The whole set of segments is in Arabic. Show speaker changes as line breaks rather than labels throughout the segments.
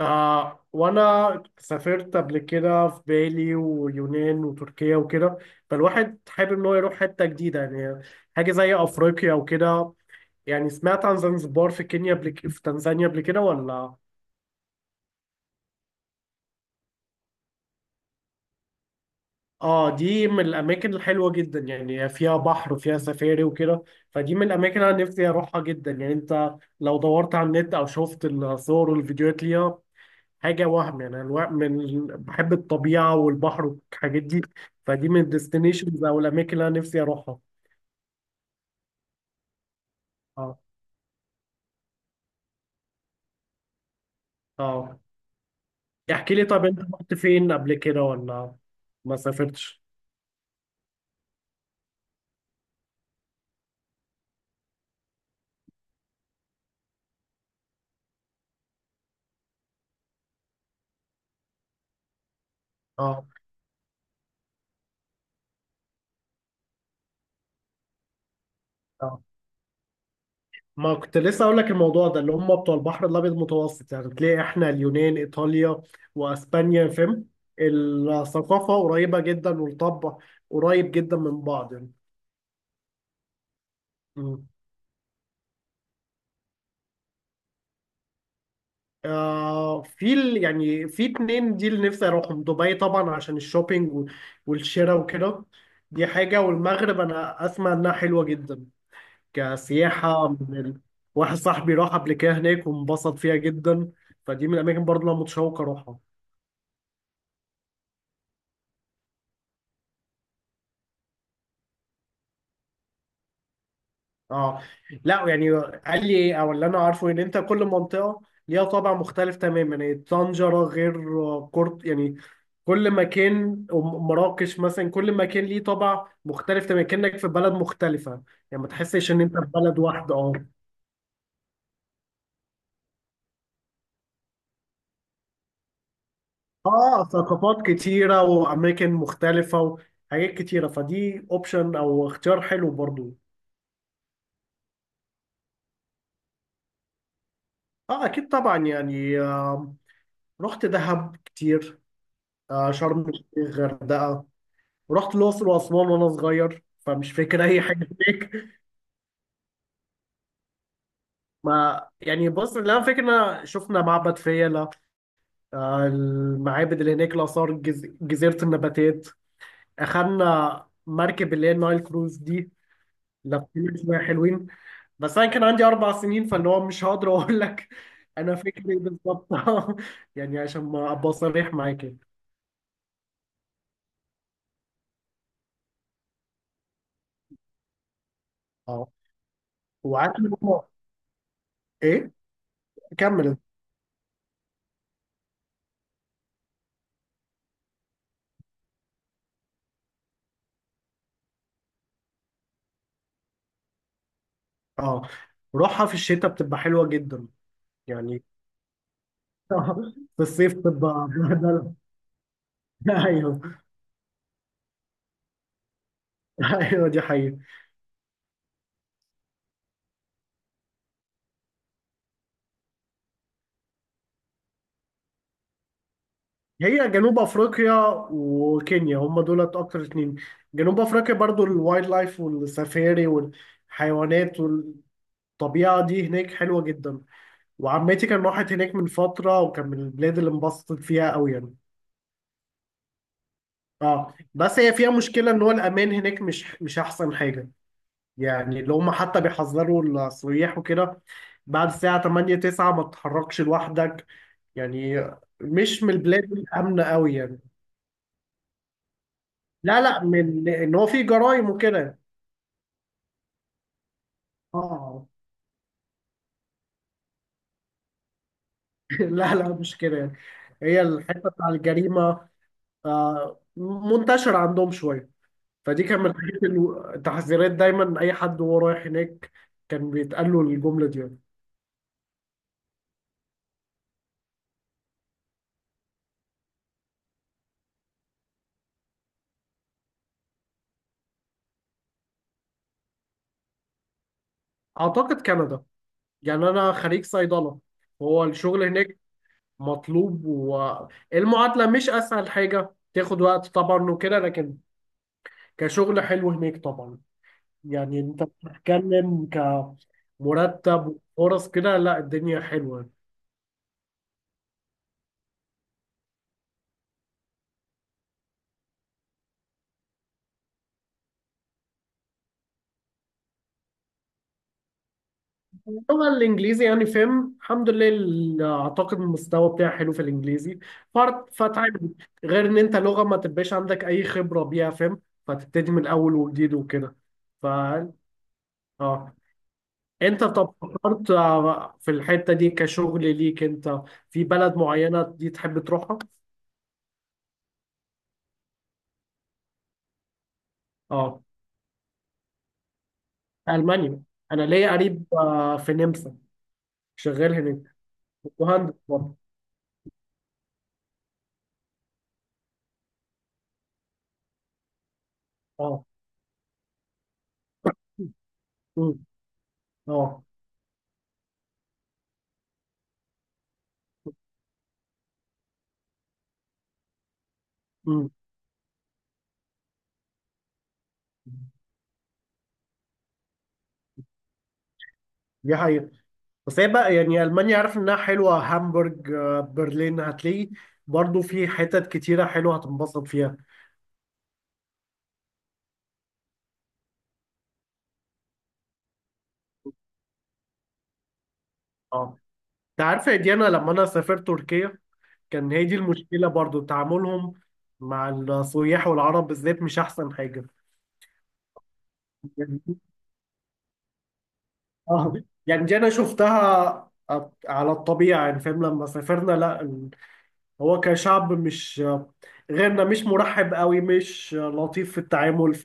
آه، وانا سافرت قبل كده في بالي ويونان وتركيا وكده. فالواحد حابب ان هو يروح حته جديده يعني. حاجه زي افريقيا وكده. يعني سمعت عن زنزبار في كينيا في تنزانيا قبل كده ولا. اه، دي من الاماكن الحلوه جدا، يعني فيها بحر وفيها سفاري وكده. فدي من الاماكن انا نفسي اروحها جدا. يعني انت لو دورت على النت او شفت الصور والفيديوهات ليها، حاجه وهم. يعني انا من بحب الطبيعه والبحر والحاجات دي. فدي من الديستنيشنز او الاماكن اللي انا نفسي اروحها. اه. اه. احكي لي، طب انت رحت فين قبل كده ولا ما سافرتش؟ اه. اه. ما كنت لسه اقول لك الموضوع ده، اللي هم بتوع البحر الابيض المتوسط. يعني تلاقي احنا اليونان، ايطاليا، واسبانيا، فاهم؟ الثقافه قريبه جدا، والطب قريب جدا من بعض يعني. آه، يعني في اتنين دي اللي نفسي اروحهم. دبي طبعا عشان الشوبينج والشراء وكده، دي حاجة. والمغرب انا اسمع انها حلوة جدا، كسياحة من ال... واحد صاحبي راح قبل كده هناك وانبسط فيها جدا. فدي من الاماكن برضه اللي انا متشوق اروحها. اه. لا، يعني قال لي إيه، او اللي انا عارفه ان انت كل منطقه ليها طابع مختلف تماما. يعني طنجره غير كورت يعني. كل مكان مراكش مثلا، كل مكان ليه طابع مختلف تماما، كانك في بلد مختلفه يعني. ما تحسش ان انت في بلد واحده. اه. اه، ثقافات كتيره واماكن مختلفه وحاجات كتيره، فدي اوبشن او اختيار حلو برضو. اه اكيد طبعا يعني. آه، رحت دهب كتير. آه، شرم الشيخ، غردقه. ورحت الأقصر وأسوان وأنا صغير، فمش فاكر أي حاجة هناك. ما يعني بص، اللي أنا فاكر إن أنا شفنا معبد فيلة، آه، المعابد اللي هناك، الآثار، جزيرة النباتات. أخدنا مركب اللي هي النايل كروز دي، لفينا شوية حلوين. بس أنا كان عندي 4 سنين، فاللي هو مش هقدر أقول لك أنا فاكر إيه بالظبط يعني عشان ما أبقى صريح معاك يعني. أه، وعارف إن هو- إيه. كمل. أه، روحها في الشتاء بتبقى حلوة جدا يعني. في الصيف تبقى بهدلة. ايوه. ايوه دي حقيقة. هي جنوب افريقيا وكينيا هم دولت اكتر اتنين. جنوب افريقيا برضو، الوايلد لايف والسفاري والحيوانات والطبيعة دي هناك حلوة جدا. وعمتي كان راحت هناك من فترة، وكان من البلاد اللي انبسطت فيها قوي يعني. اه، بس هي فيها مشكلة ان هو الامان هناك مش احسن حاجة. يعني اللي هم حتى بيحذروا السياح وكده، بعد الساعة 8 9 ما تتحركش لوحدك يعني. مش من البلاد الامنه قوي يعني. لا لا، من ان هو في جرائم وكده. اه لا لا مش كده يعني. هي الحته بتاع الجريمه، آه، منتشره عندهم شويه. فدي كان من الحاجات التحذيرات، دايما اي حد وهو رايح هناك كان بيتقال له الجمله دي يعني. اعتقد كندا. يعني انا خريج صيدله. هو الشغل هناك مطلوب، والمعادله مش اسهل حاجه، تاخد وقت طبعا وكده، لكن كشغل حلو هناك طبعا. يعني انت بتتكلم كمرتب وفرص كده، لا الدنيا حلوة. اللغة الإنجليزي يعني فاهم الحمد لله، أعتقد المستوى بتاعي حلو في الإنجليزي فرد فتعب. غير إن أنت لغة ما تبقاش عندك أي خبرة بيها، فاهم؟ فتبتدي من الأول وجديد وكده. ف، اه، أنت طب فكرت آه، في الحتة دي كشغل ليك أنت، في بلد معينة دي تحب تروحها؟ اه، ألمانيا. أنا ليا قريب آه، في نمسا، شغال هناك، مهندس برضه. اه. امم. اه. امم. دي حقيقة. بس هي بقى يعني ألمانيا عارف إنها حلوة. هامبورج، آه، برلين، هتلاقي برضو في حتت كتيرة حلوة هتنبسط فيها. اه، أنت عارفة يا ديانا لما أنا سافرت تركيا كان هي دي المشكلة برضو، تعاملهم مع السياح والعرب بالذات مش أحسن حاجة. يعني. اه، يعني دي أنا شفتها على الطبيعة يعني، فاهم لما سافرنا. لا ال- هو كشعب مش غيرنا، مش مرحب قوي، مش لطيف في التعامل.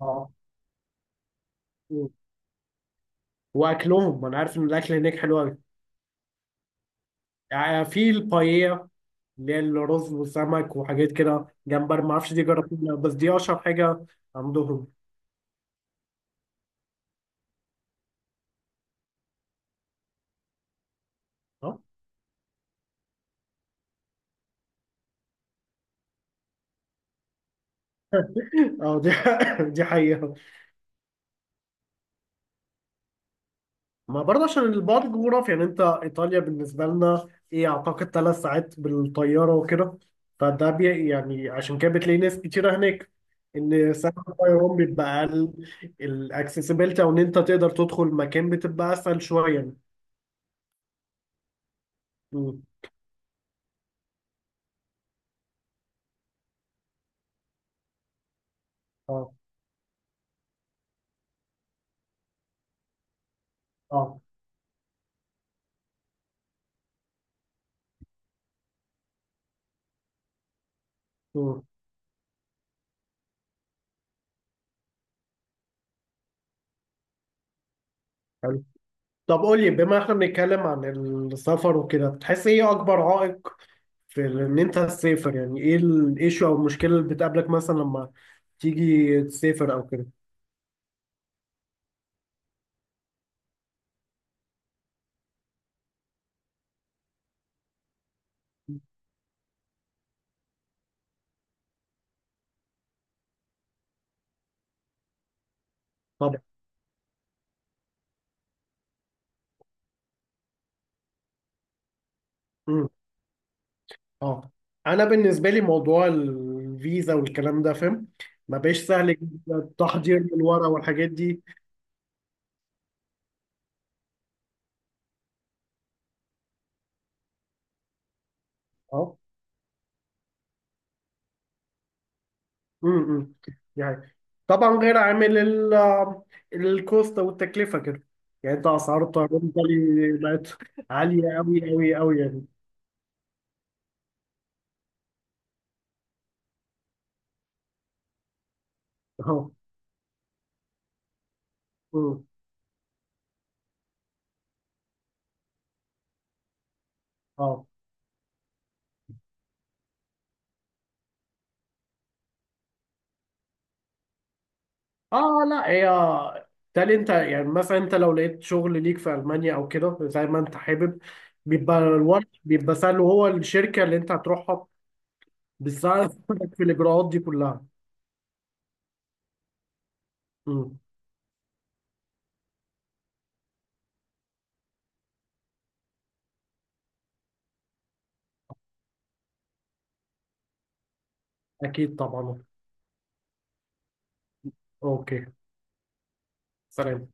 اه. مم. واكلهم، ما انا عارف ان الاكل هناك حلو قوي. يعني في البايية اللي هي الرز وسمك وحاجات كده، جمبري ما اعرفش دي جربتها، بس دي اشهر حاجه عندهم. اه. آه، دي دي حقيقه. ما برضه عشان البعد الجغرافي يعني. انت ايطاليا بالنسبه لنا ايه، اعتقد 3 ساعات بالطياره وكده. فده بي يعني، عشان كده بتلاقي ناس كتيره هناك، ان سعر الطيران بيبقى اقل. الاكسسبيلتي، او ان انت تقدر تدخل مكان، بتبقى اسهل شويه يعني. مم. اه. اه. مم. حلو. طب قول لي، بما احنا بنتكلم عن السفر وكده، بتحس ايه اكبر عائق في ان انت تسافر؟ يعني ايه الايشو او المشكله اللي بتقابلك مثلا لما تيجي تسافر او كده؟ طبعا. امم. اه، انا بالنسبه لي موضوع الفيزا والكلام ده فاهم، ما بقاش سهل جدا، التحضير من الورق والحاجات دي. اه. امم. يعني طبعا غير عامل الكوست والتكلفه كده. يعني انت اسعار الطيران بالي بقت عاليه قوي قوي قوي يعني. اه. أمم. اه. اه لا، هي تالي انت يعني، مثلا انت لو لقيت شغل ليك في المانيا او كده زي ما انت حابب، بيبقى الورق بيبقى سهل. وهو الشركه اللي انت هتروحها بتساعدك في الاجراءات دي كلها. امم. اكيد طبعا. اوكي. سلام.